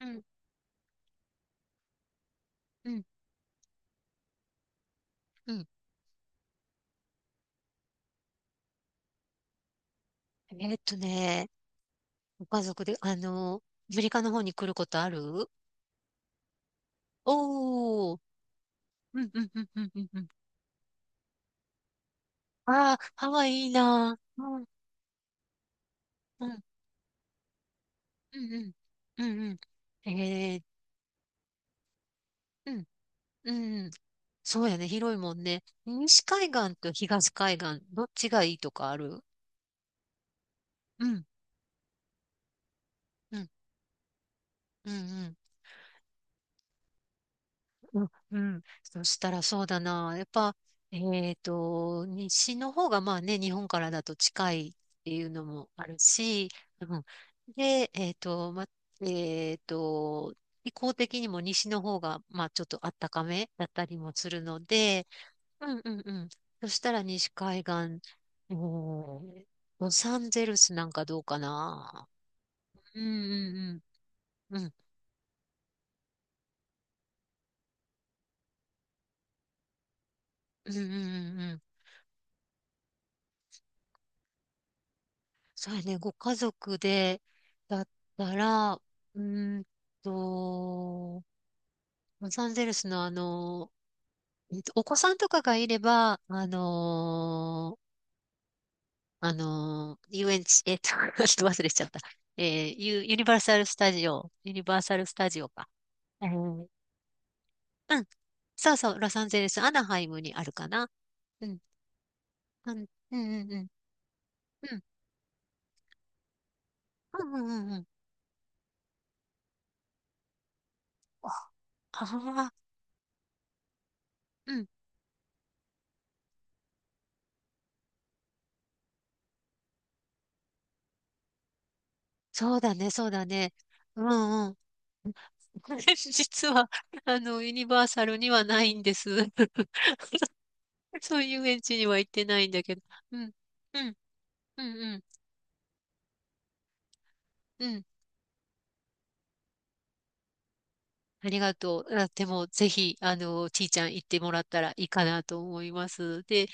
うん、うん、うん。えーっとね、ご家族で、アメリカの方に来ることある？おー、うん、うん、うん、うん、うんうん。ああ、ハワイいいなー。うん、うん、うん、うん、うんうん。うん、うん。そうやね、広いもんね。西海岸と東海岸、どっちがいいとかある？うん、うん、うん、うん。うん、うん。そしたらそうだな。やっぱ、西の方がまあね、日本からだと近いっていうのもあるし、うん、で、えっと、気候的にも西の方が、まあちょっと暖かめだったりもするので、うんうんうん。そしたら西海岸、おー、ロサンゼルスなんかどうかな。うんうんうん。うんうんうんうん。そうやね、ご家族でだったら、ーんと、ロサンゼルスのお子さんとかがいれば、遊園地、ちょっと忘れちゃった。えユニバーサルスタジオ、ユニバーサルスタジオか。うん。そうそう、ロサンゼルス、アナハイムにあるかな。うん。うん、うん、うん、うん。うん、うん、うん、うん。うん、ああー、うん。そうだね、そうだね。うんうん。これ実は、ユニバーサルにはないんです。そういう遊園地には行ってないんだけど。うん、うん、うん、うん、うん。ありがとう。あ、でも、ぜひ、ちいちゃん行ってもらったらいいかなと思います。で、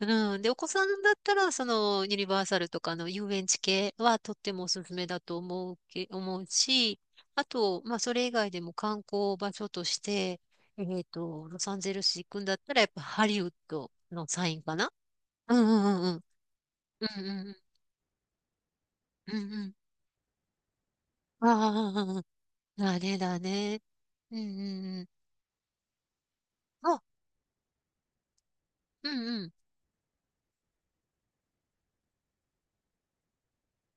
うん。で、お子さんだったら、その、ユニバーサルとかの遊園地系はとってもおすすめだと思うし、あと、まあ、それ以外でも観光場所として、ロサンゼルス行くんだったら、やっぱハリウッドのサインかな？うんうんうんうん。うんうんうん。うんうん。ああ、だね、だね。うんうんうん。あ、うんうん。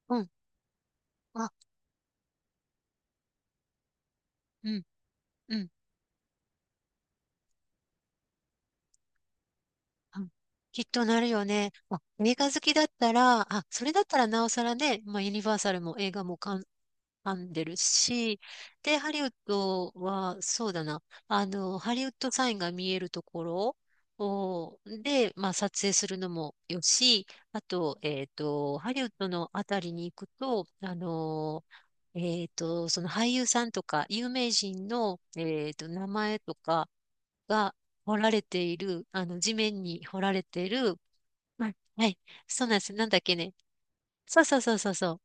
うん。あ、うんうん。うん、きっとなるよね。あ、映画好きだったら、あ、それだったらなおさらね、まあ、ユニバーサルも映画も噛んでるし、で、ハリウッドは、そうだな、ハリウッドサインが見えるところを、で、まあ、撮影するのもよし、あと、ハリウッドのあたりに行くと、その俳優さんとか、有名人の、名前とかが彫られている、地面に彫られている、はい、はい。そうなんです。なんだっけね。そうそうそうそうそう。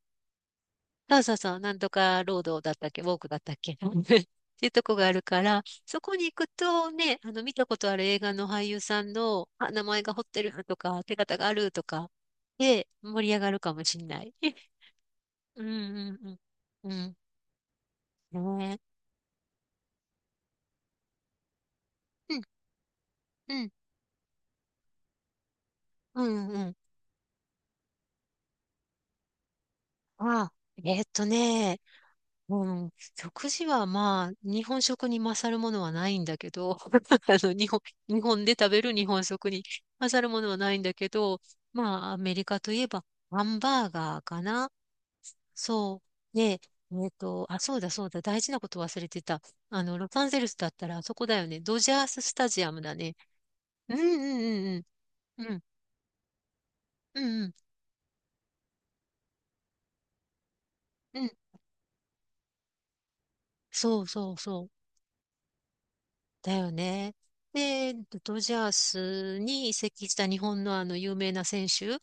そうそうそう、なんとかロードだったっけ、ウォークだったっけ、うん っていうとこがあるから、そこに行くとね、見たことある映画の俳優さんの、あ、名前が彫ってるとか、手形があるとか、で、盛り上がるかもしんない。うんうんうん。うん。ねえ。うんうん。うんうん。あ、えーっとね、うん、食事はまあ、日本食に勝るものはないんだけど、あの、日本、日本で食べる日本食に勝るものはないんだけど、まあ、アメリカといえば、ハンバーガーかな。そう。で、あ、そうだそうだ、大事なこと忘れてた。ロサンゼルスだったらあそこだよね。ドジャーススタジアムだね。うんうんうんうん。うんうんうん。うん。そうそうそう。だよね。で、ドジャースに移籍した日本のあの有名な選手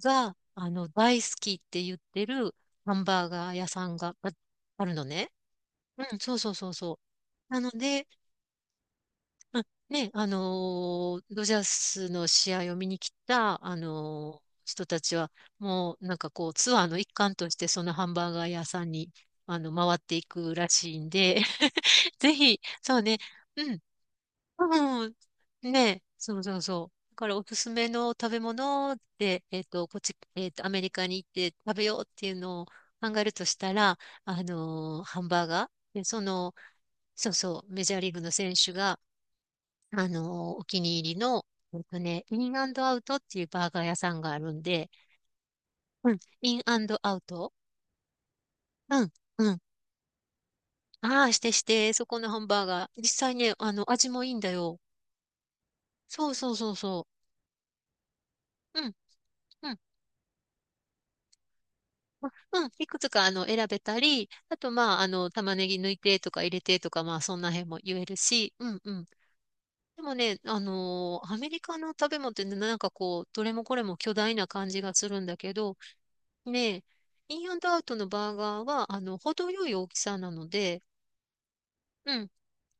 が、大好きって言ってるハンバーガー屋さんがあるのね。うん、そうそうそうそう。なので、まあ、ね、ドジャースの試合を見に来た、人たちは、もうなんかこう、ツアーの一環として、そのハンバーガー屋さんに、回っていくらしいんで、ぜひ、そうね、うん。うん。ねえ、そうそうそう。だからおすすめの食べ物で、こっち、アメリカに行って食べようっていうのを考えるとしたら、ハンバーガー。で、そうそう、メジャーリーグの選手が、あのーお気に入りの、インアウトっていうバーガー屋さんがあるんで、うん、インアウト。うん、うん。ああ、してして、そこのハンバーガー。実際ね、味もいいんだよ。そうそうそうそう。うん。うん。まあうん、いくつか選べたり、あとまあ、玉ねぎ抜いてとか入れてとか、まあ、そんな辺も言えるし、うんうん。でもね、アメリカの食べ物ってねなんかこう、どれもこれも巨大な感じがするんだけど、ね、インアンドアウトのバーガーは、程よい大きさなので、うん、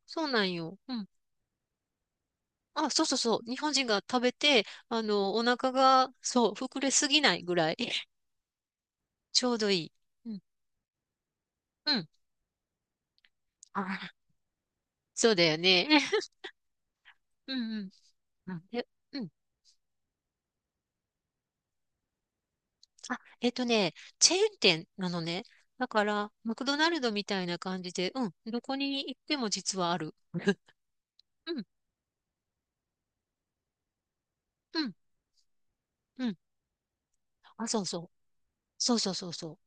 そうなんよ。うん。あ、そうそうそう。日本人が食べて、お腹が、そう、膨れすぎないぐらい、ちょうどいい。うん、うん。あー、そうだよね。うん、うん。うん、で、うん、あ、チェーン店なのね。だから、マクドナルドみたいな感じで、うん、どこに行っても実はある。うん、うん、うん。あ、そうそう。そうそうそうそ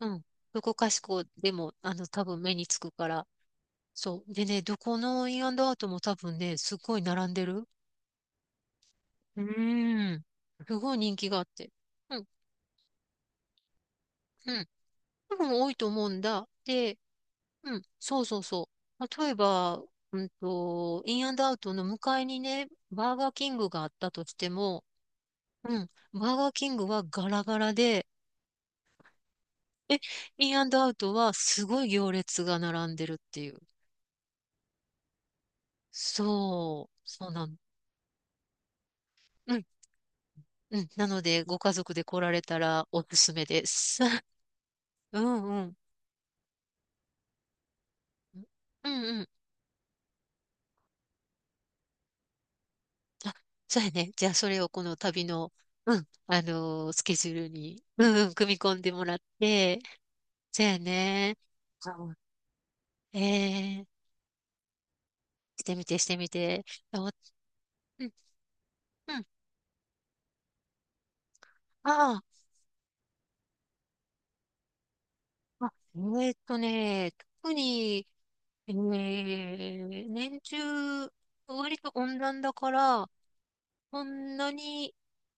う。うん。どこかしこでも、多分目につくから。そう。でね、どこのインアウトも多分ね、すごい並んでる。うーん。すごい人気があって。うん、うん。多分多いと思うんだ。で、うん、そうそうそう。例えば、インアンドアウトの向かいにね、バーガーキングがあったとしても、うん、バーガーキングはガラガラで、え、インアンドアウトはすごい行列が並んでるっていう。そう、そうなの。うん、うん。なので、ご家族で来られたらおすすめです。うんうん。うんうん。あ、そうやね。じゃあ、それをこの旅の、うん、スケジュールに、うんうん、組み込んでもらって、そうやね。あ、ええ、してみて、してみて。あ、お、うん、うん。ああ、あ、えーっとね、特に、えー年中、割と温暖だから、そんなに、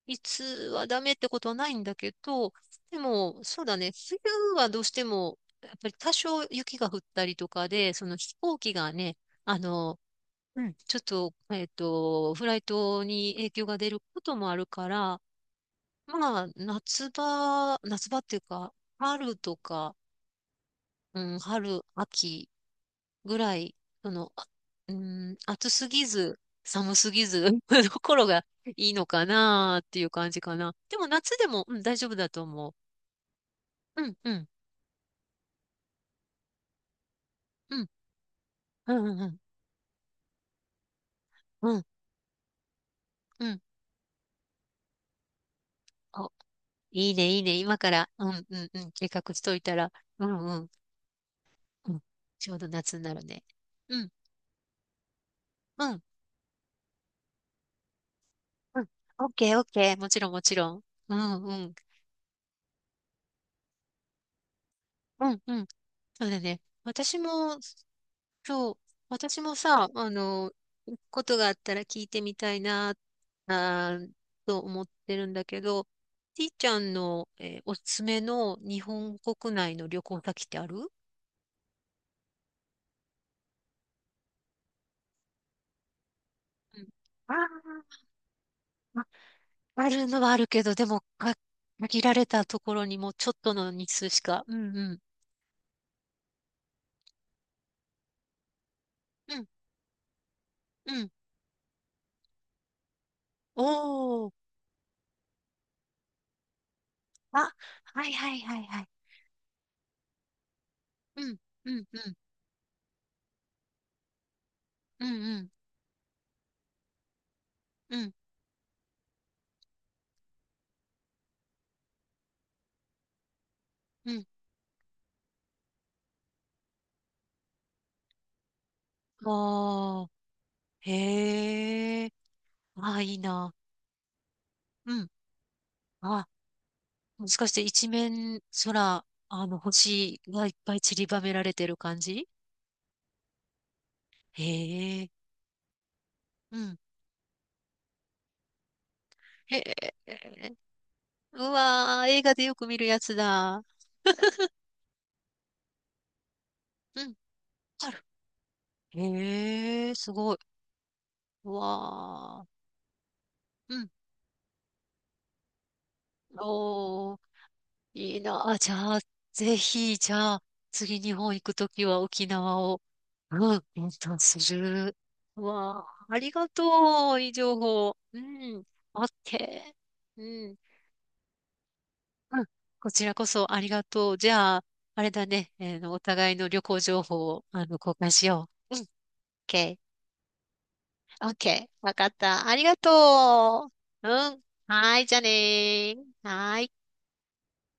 いつはダメってことはないんだけど、でも、そうだね、冬はどうしても、やっぱり多少雪が降ったりとかで、その飛行機がね、あの、うん、ちょっと、フライトに影響が出ることもあるから、まあ、夏場っていうか、春とか、うん、春、秋ぐらい、その、うん、暑すぎず、寒すぎず、ところがいいのかなっていう感じかな。でも夏でも、うん、大丈夫だと思う。うん、うん、うん、うん、うん、うん、うん。お、いいね、いいね。今から、うん、うん、うん、計画しといたら、うん、うん、うん。ちょうど夏になるね。うん、うん、うん。オッケー、オッケー。もちろん、もちろん。うん、うん。うんうん。そうだね。そう、私もさ、ことがあったら聞いてみたいな、あーと思ってるんだけど、ちいちゃんの、おすすめの日本国内の旅行先ってある？うん、あー、あるのはあるけど、でも、限られたところにもうちょっとの日数しか。うんうん。うんうん。おー。あ、はいはいはいはい。うんうんうん。うんうんうんうん。ああ。へえ。ああ、いいな。うん。あ、もしかして一面空、星がいっぱい散りばめられてる感じ？へえ。うん。へえ。うわー、映画でよく見るやつだ。うん。ある。へえ、すごい。うわー。うん。おー、いいな。あ、じゃあ、ぜひ、じゃあ、次日本行くときは沖縄を。うん、インスタンスする。うわあ、ありがとう。いい情報。うん。オッケー。うん。うん。こちらこそありがとう。じゃあ、あれだね。えーの、お互いの旅行情報を、交換しよう。うん。オッケー、オッケー、わかった。ありがとう。うん。はーい。じゃあねー。はーい。